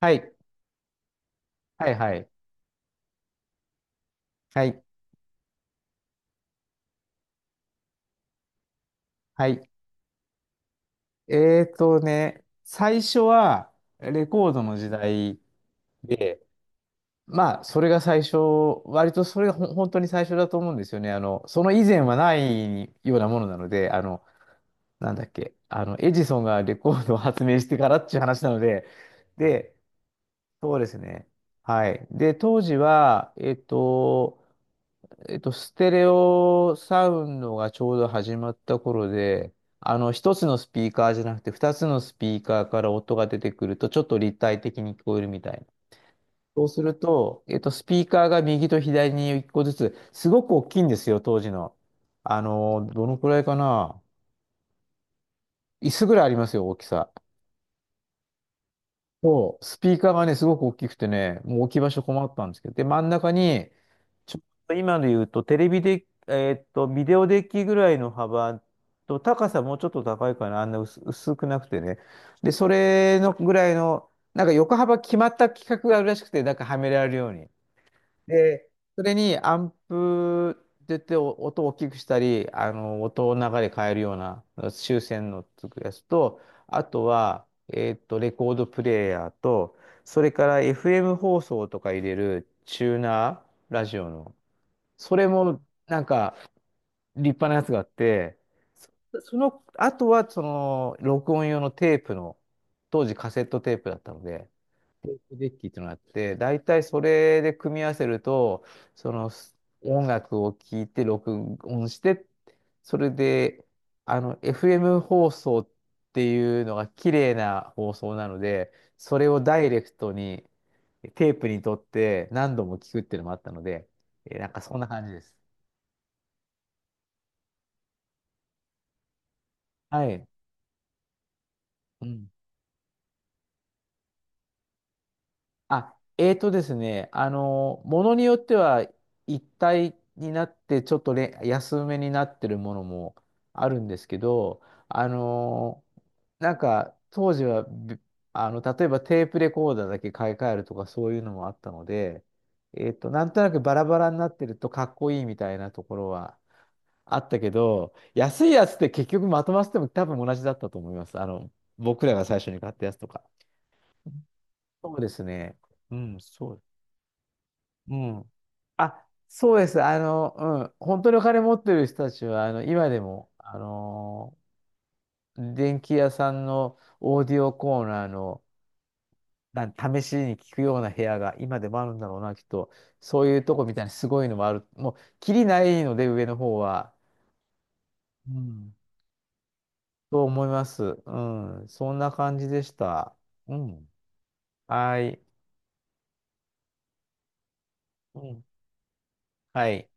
はい。はいはい。はい。はい。最初はレコードの時代で、まあ、それが最初、割とそれが本当に最初だと思うんですよね。その以前はないようなものなので、なんだっけ、エジソンがレコードを発明してからっていう話なので、で、そうですね。はい。で、当時は、ステレオサウンドがちょうど始まった頃で、一つのスピーカーじゃなくて、二つのスピーカーから音が出てくると、ちょっと立体的に聞こえるみたいな。そうすると、スピーカーが右と左に一個ずつ、すごく大きいんですよ、当時の。どのくらいかな。椅子ぐらいありますよ、大きさ。そう、スピーカーがね、すごく大きくてね、もう置き場所困ったんですけど、で、真ん中に、ちょっと今で言うと、テレビで、ビデオデッキぐらいの幅と、高さもうちょっと高いかな、あんな薄くなくてね。で、それのぐらいの、なんか横幅決まった規格があるらしくて、なんかはめられるように。で、それにアンプって言って音を大きくしたり、音を流れ変えるような修正のつくやつと、あとは、レコードプレイヤーと、それから FM 放送とか入れるチューナー、ラジオの。それも、なんか、立派なやつがあって、あとは、その、録音用のテープの、当時カセットテープだったので、テープデッキっていうのがあって、大体それで組み合わせると、そのす音楽を聴いて録音して、それで、FM 放送っていうのが綺麗な放送なので、それをダイレクトにテープにとって何度も聞くっていうのもあったので、なんかそんな感じです。はい。うん、あ、えーとですね、ものによっては一体になってちょっと安めになってるものもあるんですけど、あの、なんか当時はびあの、例えばテープレコーダーだけ買い替えるとかそういうのもあったので、なんとなくバラバラになってるとかっこいいみたいなところはあったけど、安いやつって結局まとまってても多分同じだったと思います。僕らが最初に買ったやつとか。そうですね。うん、そう、うん。あ、そうです。うん。本当にお金持ってる人たちは、今でも、電気屋さんのオーディオコーナーの、なん、試しに聞くような部屋が今でもあるんだろうな、きっと。そういうとこみたいにすごいのもある。もう、きりないので、上の方は。うん。と思います。うん。そんな感じでした。うん。はい。うん。はい。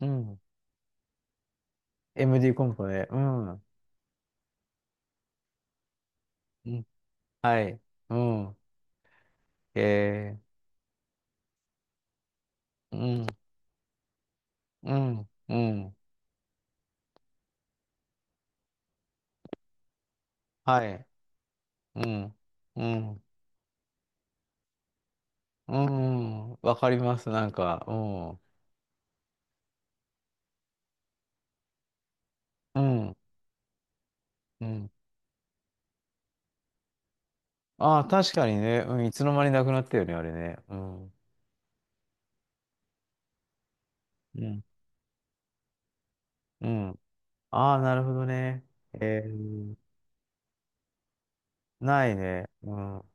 うん。MD コンポね。うん。うん。はい。うん。えーうん、うん、うん、はい、うん、うん、うん、わかります、なんか、うん、うん、うん。ああ、確かにね、うん、いつの間になくなったよね、あれね。うん、うん、うん。ああ、なるほどね。えー、ないね。うん。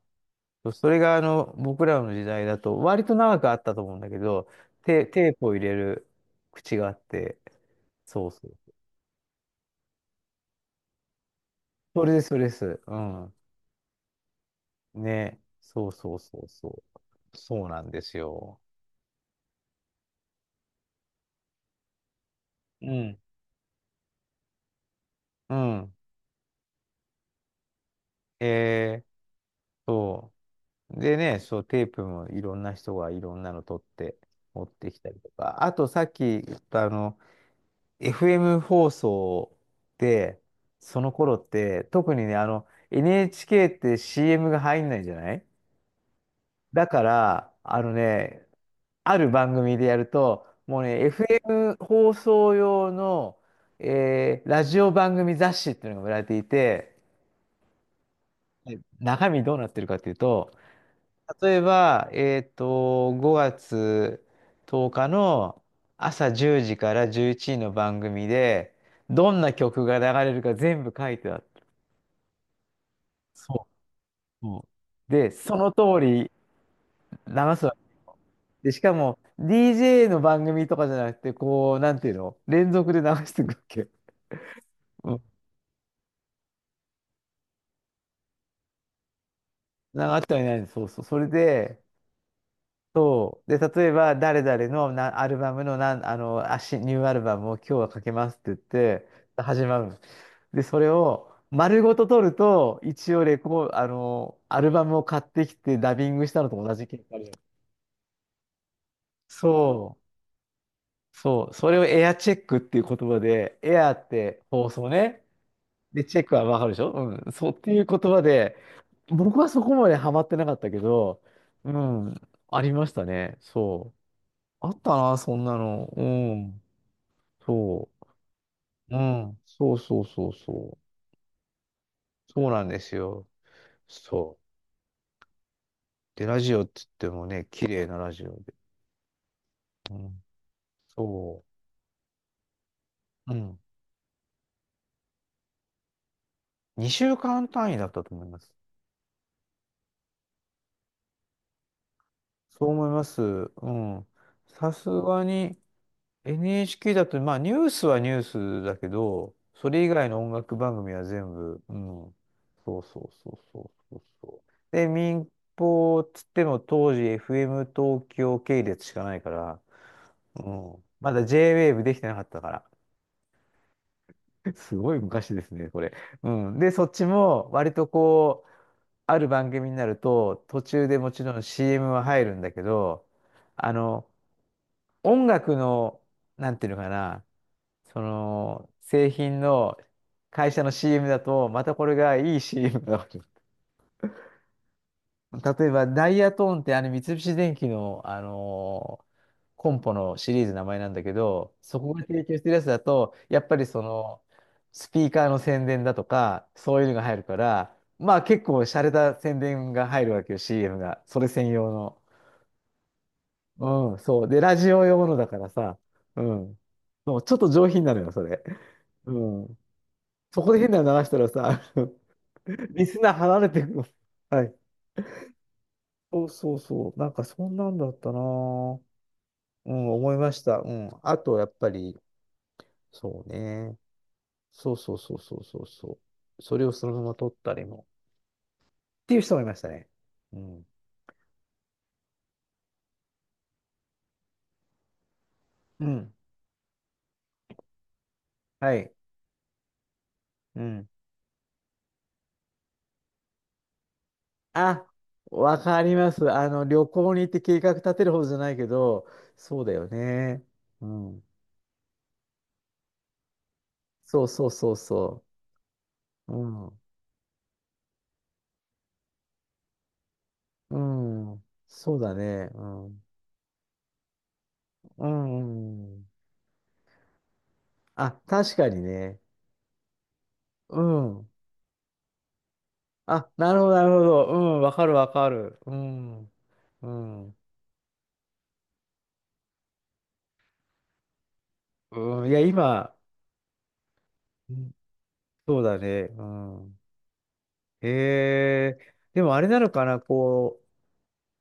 それが、僕らの時代だと、割と長くあったと思うんだけど、テープを入れる口があって、そうそう。それです、それです。うん。ね。そうそうそうそう。そうなんですよ。うん。うん。えー、そう。でね、そう、テープもいろんな人がいろんなの撮って持ってきたりとか。あとさっき言ったFM 放送で、その頃って、特にね、NHK って CM が入んないじゃない、だから、ある番組でやると、もうね、FM 放送用の、ラジオ番組雑誌っていうのが売られていて、はい。中身どうなってるかっていうと、例えば、5月10日の朝10時から11時の番組で、どんな曲が流れるか全部書いてあった。そうそう。で、その通り流すわけ。で、しかも、DJ の番組とかじゃなくて、こう、なんていうの、連続で流していくわけ。うん。なかあったりないんです。そうそう。それで、そう。で、例えば、誰々のアルバムの、ニューアルバムを今日はかけますって言って、始まるんです。で、それを丸ごと取ると、一応レコー、アルバムを買ってきてダビングしたのと同じ結果で。そう。そう。それをエアチェックっていう言葉で、エアって放送ね。で、チェックはわかるでしょうん。そうっていう言葉で、僕はそこまでハマってなかったけど、うん。ありましたね。そう。あったな、そんなの。うん。そう。うん。そうそうそうそう。そうなんですよ。そう。で、ラジオって言ってもね、綺麗なラジオで。うん。そう。うん。2週間単位だったと思います。そう思います。うん。さすがに、NHK だと、まあ、ニュースはニュースだけど、それ以外の音楽番組は全部、うん。そうそうそうそうそうそう。で、民放っつっても当時 FM 東京系列しかないから、うん。まだ J-Wave できてなかったから。すごい昔ですね、これ。うん。で、そっちも割とこう、ある番組になると、途中でもちろん CM は入るんだけど、あの、音楽の、なんていうのかな、その、製品の会社の CM だと、またこれがいい CM だわけ。例えば、ダイヤトーンってあの三菱電機の、コンポのシリーズの名前なんだけど、そこが提供してるやつだと、やっぱりその、スピーカーの宣伝だとか、そういうのが入るから、まあ結構洒落た宣伝が入るわけよ、CM が。それ専用の。うん、そう。で、ラジオ用のだからさ、うん。そう、ちょっと上品なのよ、それ。うん。そこで変なの流したらさ、リスナー離れてくの。はい。そうそうそう。なんかそんなんだったなぁ。うん、思いました。うん。あと、やっぱり、そうね。そうそうそうそうそうそう。それをそのまま撮ったりも。っていう人もいましたね。うん。うん。はい。うん。あ、わかります。旅行に行って計画立てるほどじゃないけど、そうだよね。うん。そうそうそうそう。うん。うん。そうだね。うん。うん。あ、確かにね。うん。あ、なるほど、なるほど。うん、わかる、わかる。うん。うん。うん、いや、今、うん、そうだね。うん。へえ。でも、あれなのかな、こ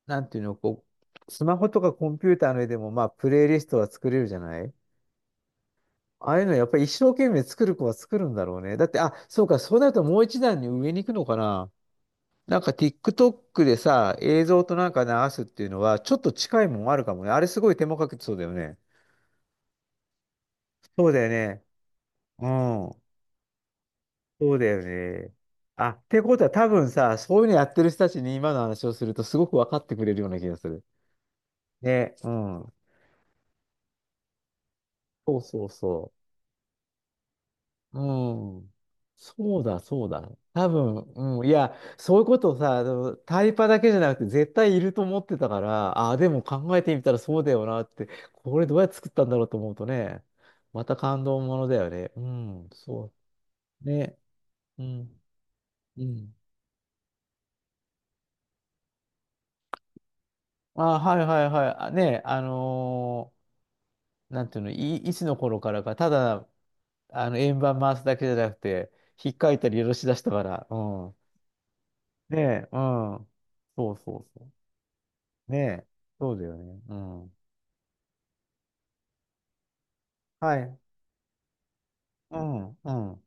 う、なんていうの、こう、スマホとかコンピューターの上でも、まあ、プレイリストは作れるじゃない、ああいうの、やっぱり一生懸命作る子は作るんだろうね。だって、あ、そうか、そうなるともう一段に上に行くのかな。なんか TikTok でさ、映像となんか流すっていうのは、ちょっと近いもんあるかもね。あれすごい手間かけてそうだよね。そうだよね。うん。そうだよね。あ、ってことは多分さ、そういうのやってる人たちに今の話をするとすごく分かってくれるような気がする。ね。うん。そうそうそう。うん。そうだ、そうだ。多分、うん。いや、そういうことをさ、あのタイパだけじゃなくて絶対いると思ってたから、ああ、でも考えてみたらそうだよなって、これどうやって作ったんだろうと思うとね、また感動ものだよね。うん、そう。ね。うん。うん。あ、はいはいはい。あね、なんていうの、いつの頃からか、ただ、円盤回すだけじゃなくて、ひっかいたり下ろし出したから、うん。ねえ、うん。そうそうそう。ねえ、そうだよね。うん。はい。うん、うん、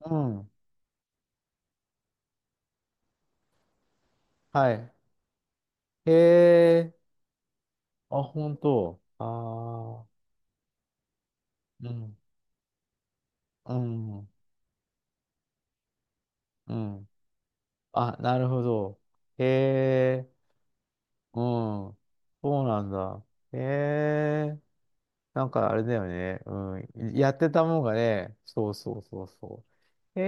うん。はい。へえ、あ、本当。ああ、うん、うん、うん。あ、なるほど。へえ、うん。そうなんだ。へえ、なんかあれだよね。うん。やってたもんがね、そうそうそうそう。へ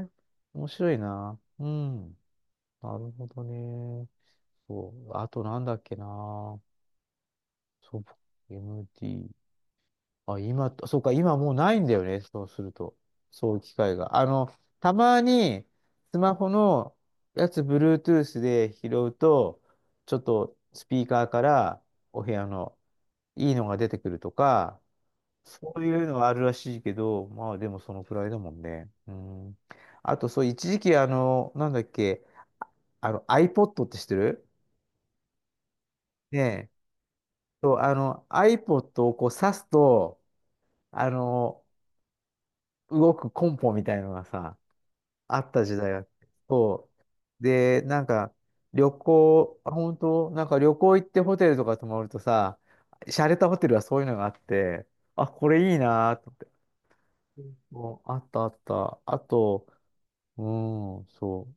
え、面白いな。うん。なるほどね。そう。あとなんだっけな。そう、MD。あ、今、そうか、今もうないんだよね。そうすると。そういう機会が。たまに、スマホのやつ、Bluetooth で拾うと、ちょっとスピーカーからお部屋のいいのが出てくるとか、そういうのはあるらしいけど、まあでもそのくらいだもんね。うん。あと、そう、一時期、なんだっけ、iPod って知ってるねえ。そう、iPod をこう挿すと、あの、動くコンポみたいのがさ、あった時代があって。そう。で、なんか、あ、本当なんか旅行行ってホテルとか泊まるとさ、洒落たホテルはそういうのがあって、あ、これいいなと思って。もうあったあった。あと、うん、そう。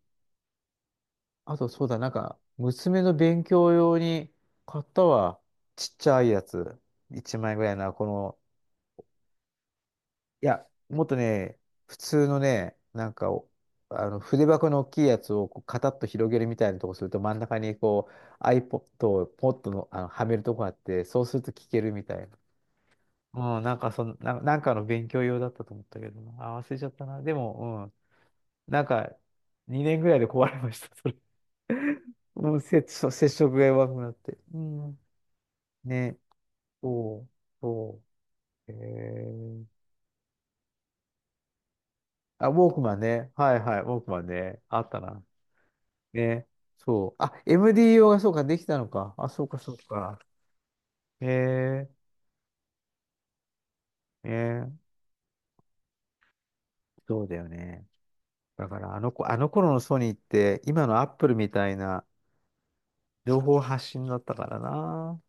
あと、そうだ、なんか、娘の勉強用に買ったわ。ちっちゃいやつ。1枚ぐらいな、この、いや、もっとね、普通のね、なんかあの筆箱の大きいやつをこうカタッと広げるみたいなとこすると真ん中にこう iPod をポッとの、はめるとこがあって、そうすると聞けるみたいな。うん、なんかなんかの勉強用だったと思ったけどな、あ、忘れちゃったな。でも、うん、なんか2年ぐらいで壊れました、それ。もう接触が弱くなって。うん。ね、そう、そう。へえ、あ、ウォークマンね。はいはい、ウォークマンね。あったな。ね。そう。あ、MDO がそうか、できたのか。あ、そうか、そうか。へえ、ね。そうだよね。だから、あの子、あの頃のソニーって、今のアップルみたいな情報発信だったからな。